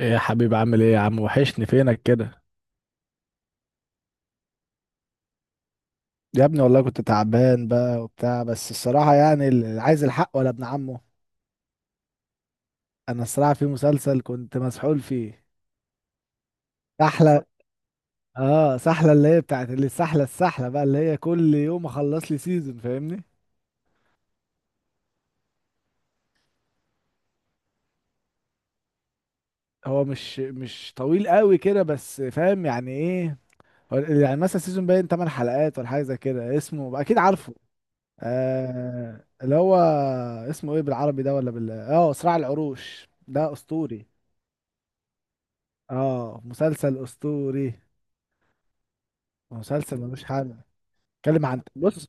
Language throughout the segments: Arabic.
ايه يا حبيبي، عامل ايه يا عم؟ وحشني فينك كده. يا ابني والله كنت تعبان بقى وبتاع، بس الصراحة يعني اللي عايز الحق ولا ابن عمه. انا الصراحة في مسلسل كنت مسحول فيه. سحلة. اه سحلة اللي هي بتاعت السحلة بقى، اللي هي كل يوم اخلص لي سيزون، فاهمني؟ هو مش طويل قوي كده، بس فاهم يعني ايه. هو يعني مثلا سيزون باين 8 حلقات ولا حاجة زي كده، اسمه اكيد عارفه. اللي هو اسمه ايه بالعربي ده، ولا بال صراع العروش، ده اسطوري. اه، مسلسل اسطوري. مسلسل ملوش حل. اتكلم عن، بص،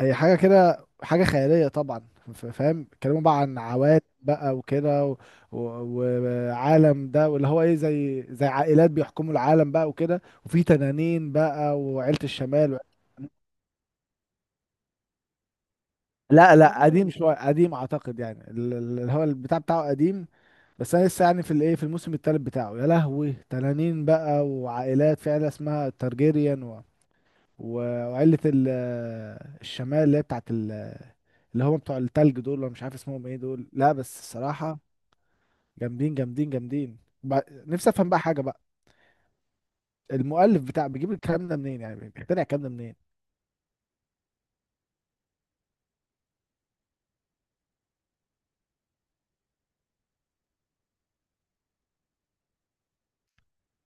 هي حاجه كده، حاجه خياليه طبعا. فاهم، اتكلموا بقى عن عوالم بقى وكده و- وعالم ده، واللي هو ايه، زي عائلات بيحكموا العالم بقى وكده، وفي تنانين بقى وعيله الشمال. لا، لا، قديم شويه، قديم اعتقد، يعني اللي هو البتاع بتاعه قديم. بس انا لسه يعني في الايه، في الموسم الثالث بتاعه، يا لهوي، تنانين بقى وعائلات، في عيله اسمها تارجيريان. وعيلة الشمال، اللي هي بتاعت اللي هم بتوع التلج دول، ولا مش عارف اسمهم ايه دول، لا بس الصراحة جامدين جامدين جامدين. نفسي افهم بقى حاجة بقى. المؤلف بتاع، بيجيب الكلام ده منين يعني؟ بيقتنع الكلام ده منين؟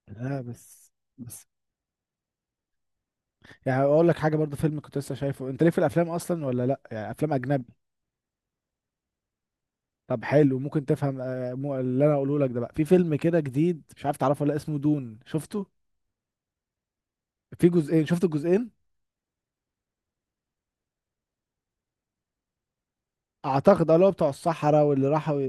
لا بس، بس يعني اقول لك حاجة برضو، فيلم كنت لسه شايفه، انت ليه في الافلام اصلا ولا لا؟ يعني افلام اجنبي. طب حلو، ممكن تفهم اللي انا اقوله لك ده بقى، في فيلم كده جديد، مش عارف تعرفه ولا لأ، اسمه دون، شفته؟ في جزئين، شفت الجزئين؟ اعتقد اه، اللي هو بتوع الصحراء واللي راحوا.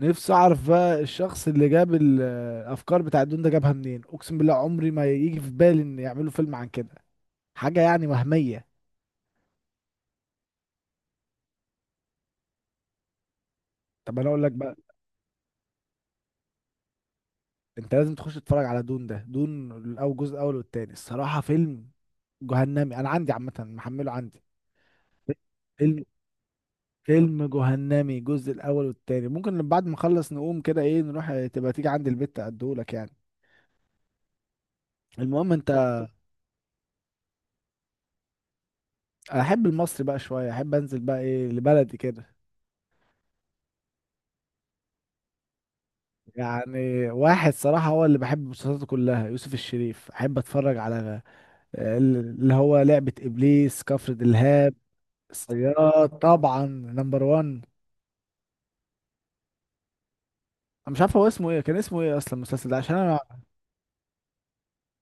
نفسي اعرف بقى الشخص اللي جاب الافكار بتاع الدون ده جابها منين، اقسم بالله عمري ما يجي في بالي ان يعملوا فيلم عن كده، حاجه يعني وهميه. طب انا اقول لك بقى، انت لازم تخش تتفرج على دون ده، دون الاول جزء الاول والتاني، الصراحه فيلم جهنمي، انا عندي عامه محمله عندي. فيلم، فيلم جهنمي الجزء الاول والتاني، ممكن لما بعد ما اخلص نقوم كده، ايه، نروح، تبقى تيجي عندي البيت اديهولك يعني. المهم انت، احب المصري بقى شويه، احب انزل بقى ايه لبلدي كده. يعني واحد صراحة هو اللي بحب مسلسلاته كلها، يوسف الشريف، أحب أتفرج على اللي هو لعبة إبليس، كفر دلهاب. الصياد طبعا، نمبر وان. أنا مش عارف هو اسمه إيه، كان اسمه إيه أصلا المسلسل ده عشان أنا،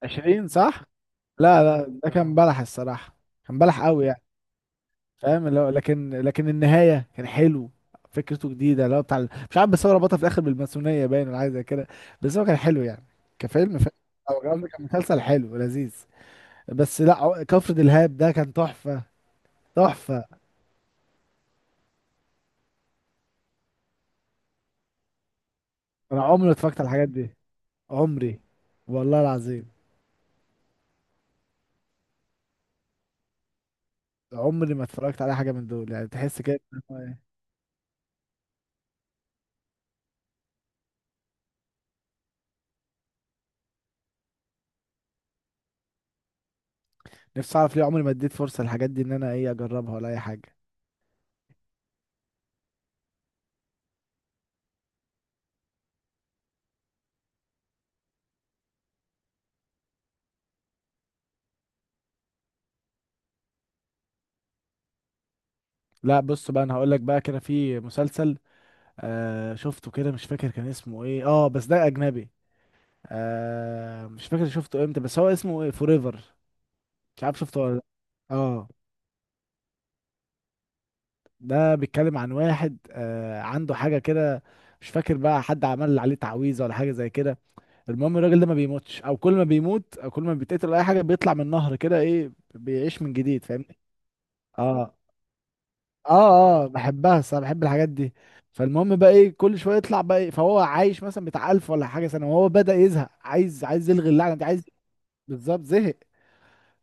عشرين صح؟ لا، لا، ده كان بلح الصراحة، كان بلح قوي يعني. فاهم، اللي هو لكن النهاية كان حلو، فكرته جديدة اللي هو بتاع مش عارف، بس هو ربطها في الآخر بالماسونية باين، ولا حاجة زي كده، بس هو كان حلو يعني، كفيلم. أو كان مسلسل حلو لذيذ. بس لا، كفر دلهاب ده كان تحفة، تحفة. انا عمري ما اتفرجت على الحاجات دي، عمري، والله العظيم، عمري ما اتفرجت على حاجة من دول يعني، تحس كده إن هو إيه. نفسي اعرف ليه عمري ما اديت فرصة للحاجات دي، ان انا ايه اجربها ولا اي حاجة. لا، بص بقى، انا هقول لك بقى كده، في مسلسل شفته كده، مش فاكر كان اسمه ايه، بس ده اجنبي. مش فاكر شفته امتى، بس هو اسمه ايه، فوريفر، مش عارف شفته ولا لأ. اه، ده بيتكلم عن واحد، عنده حاجة كده، مش فاكر بقى، حد عمل عليه تعويذة ولا حاجة زي كده. المهم الراجل ده ما بيموتش، او كل ما بيموت او كل ما بيتقتل أو اي حاجة، بيطلع من النهر كده، ايه، بيعيش من جديد، فاهمني؟ اه، اه، اه، بحبها الصراحة، بحب الحاجات دي. فالمهم بقى ايه، كل شوية يطلع بقى إيه، فهو عايش مثلا بتاع 1000 ولا حاجة سنة، وهو بدأ يزهق، عايز يلغي اللعنة دي، عايز، بالظبط زهق.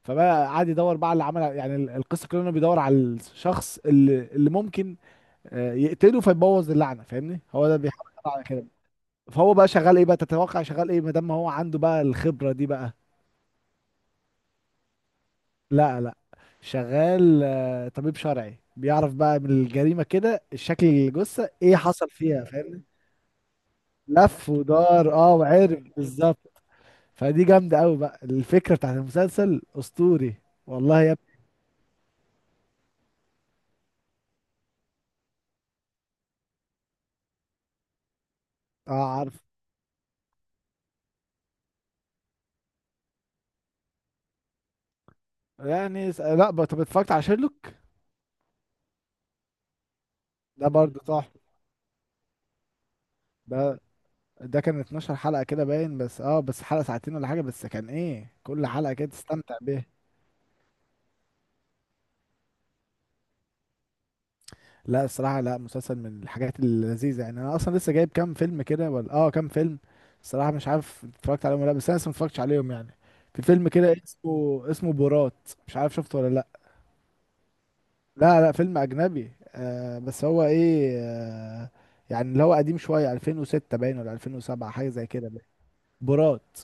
فبقى قعد يدور بقى على اللي عمل، يعني القصة كلها انه بيدور على الشخص اللي ممكن يقتله فيبوظ اللعنه، فاهمني، هو ده بيحاول يطلع على كده. فهو بقى شغال ايه بقى، تتوقع شغال ايه ما دام هو عنده بقى الخبره دي بقى؟ لا، لا، شغال طبيب شرعي، بيعرف بقى من الجريمه كده، الشكل، الجثه ايه حصل فيها، فاهمني؟ لف ودار، وعرف بالظبط. فدي جامده قوي بقى، الفكره بتاعت المسلسل اسطوري. والله يا ابني. اه عارف. يعني اس- لا بقى- طب اتفرجت على شيرلوك؟ ده برضه تحفه. ده ده كان 12 حلقة كده باين، بس اه، بس حلقة ساعتين ولا حاجة، بس كان ايه، كل حلقة كده تستمتع بيها. لا الصراحة، لا، مسلسل من الحاجات اللذيذة. يعني انا اصلا لسه جايب كام فيلم كده ولا كام فيلم الصراحة، مش عارف اتفرجت عليهم ولا لأ، بس انا لسه ما اتفرجتش عليهم يعني. في فيلم كده اسمه بورات، مش عارف شفته ولا لا. لا لا، فيلم اجنبي، بس هو ايه يعني اللي هو قديم شوية، 2006 باين، ولا 2007 حاجة زي كده باين. بورات،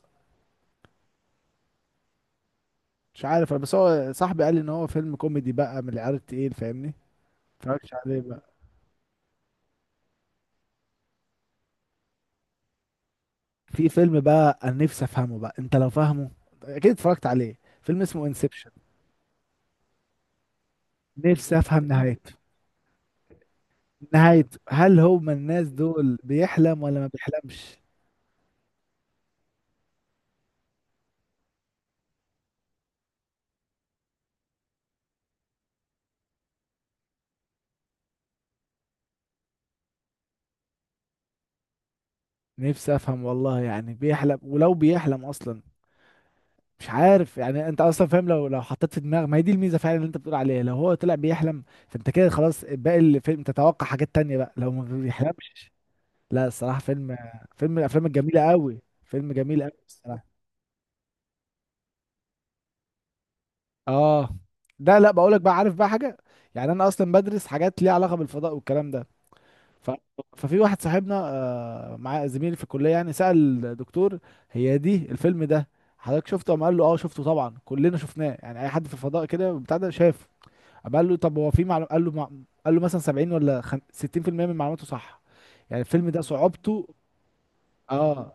مش عارف، بس هو صاحبي قال لي ان هو فيلم كوميدي بقى من العيار التقيل، فاهمني؟ اتفرجتش عليه بقى؟ في فيلم بقى انا نفسي افهمه بقى، انت لو فاهمه، اكيد اتفرجت عليه، فيلم اسمه انسبشن. نفسي افهم نهايته، نهايته هل هو من الناس دول بيحلم ولا ما بيحلمش؟ نفسي افهم والله، يعني بيحلم، ولو بيحلم اصلا مش عارف، يعني انت اصلا فاهم لو حطيت في دماغك ما هي دي الميزه فعلا اللي انت بتقول عليها، لو هو طلع بيحلم فانت كده خلاص باقي الفيلم تتوقع حاجات تانية بقى، لو ما بيحلمش، لا الصراحه فيلم، فيلم من الافلام الجميله قوي، فيلم جميل قوي الصراحه. اه، ده، لا بقولك بقى، عارف بقى حاجه، يعني انا اصلا بدرس حاجات ليها علاقه بالفضاء والكلام ده، ف... ففي واحد صاحبنا، مع زميلي في الكليه يعني، سأل دكتور، هي دي الفيلم ده، حضرتك شفته؟ قام قال له اه شفته طبعا، كلنا شفناه، يعني اي حد في الفضاء كده بتاع ده شافه. قام قال له طب هو في معلومه، قال له مثلا 70 ولا 60% من معلوماته صح؟ يعني الفيلم ده صعوبته، اه،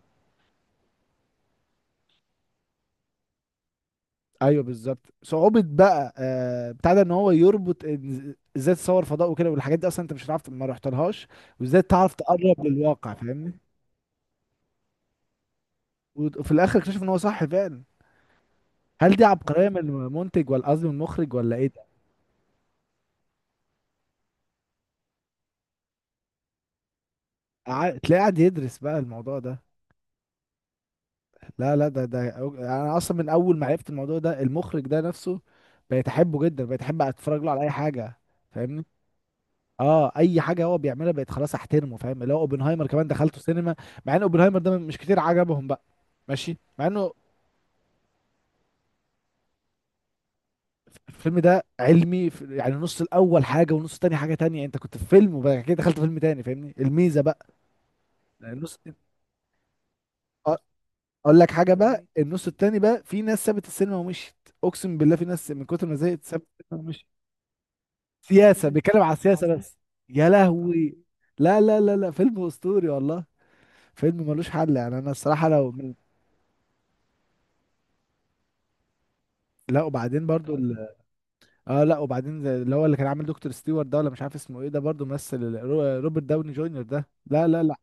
ايوه بالظبط، صعوبة بقى بتاع ده ان هو يربط ازاي تصور فضاء وكده، والحاجات دي اصلا انت مش هتعرف ما رحتلهاش، وازاي تعرف تقرب للواقع، فاهمني؟ وفي الاخر اكتشف ان هو صح فعلا. هل دي عبقرية من المنتج، ولا قصدي من المخرج، ولا ايه ده؟ تلاقيه قاعد يدرس بقى الموضوع ده. لا، لا، انا اصلا من اول ما عرفت الموضوع ده، المخرج ده نفسه بقيت احبه جدا، بقيت احب اتفرج له على اي حاجة، فاهمني؟ اه، اي حاجه هو بيعملها بقت خلاص احترمه، فاهم، اللي هو اوبنهايمر كمان دخلته سينما، مع ان اوبنهايمر ده مش كتير عجبهم بقى، ماشي مع انه الفيلم ده علمي، يعني النص الاول حاجه والنص التاني حاجه تانية، انت كنت في فيلم وبعد كده دخلت فيلم تاني، فاهمني الميزه بقى؟ يعني النص، أ- اقول لك حاجه بقى، النص التاني بقى في ناس سابت السينما ومشيت، اقسم بالله في ناس من كتر ما زهقت سابت السينما ومشيت. سياسه، بيتكلم على السياسه بس، يا لهوي. لا لا لا لا، فيلم اسطوري والله، فيلم ملوش حل. يعني انا الصراحه لو من، لا وبعدين برضو اه، لا وبعدين زي اللي هو اللي كان عامل دكتور ستيوارت ده، ولا مش عارف اسمه ايه ده برضو ممثل روبرت داوني جونيور ده، لا لا لا،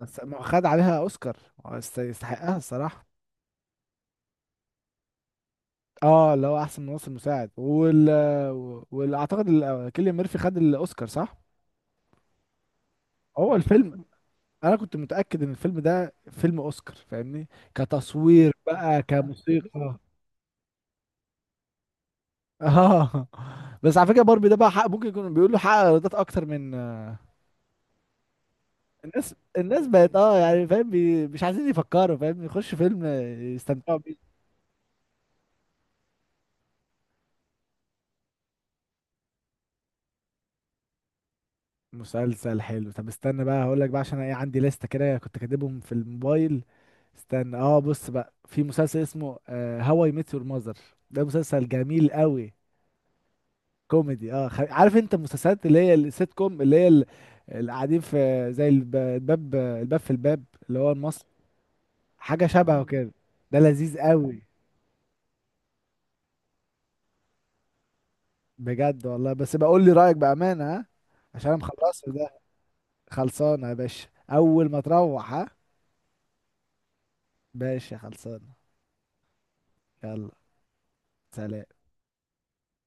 بس ما هو خد عليها اوسكار، هو يستحقها الصراحه. اه، اللي هو احسن ممثل مساعد، وال، واعتقد كيليان ميرفي خد الاوسكار صح؟ هو الفيلم، انا كنت متاكد ان الفيلم ده فيلم اوسكار فاهمني، كتصوير بقى، كموسيقى. اه بس على فكره باربي ده بقى، حق ممكن يكون بيقول له حقق ايرادات اكتر من الناس بقت يعني فاهم مش عايزين يفكروا، فاهم، يخشوا فيلم يستمتعوا بيه. مسلسل حلو، طب استنى بقى هقول لك بقى، عشان انا ايه عندي لستة كده كنت كاتبهم في الموبايل، استنى، بص بقى في مسلسل اسمه هواي اي ميت يور ماذر، ده مسلسل جميل قوي، كوميدي، عارف انت المسلسلات اللي هي السيت كوم، اللي هي اللي قاعدين في، زي الباب في الباب اللي هو المصري، حاجة شبهه كده، ده لذيذ قوي، بجد والله، بس بقول لي رأيك بأمانة، ها، عشان انا مخلصه ده، خلصانة يا باشا، أول ما تروح، ها، باشا خلصانة، يلا، سلام.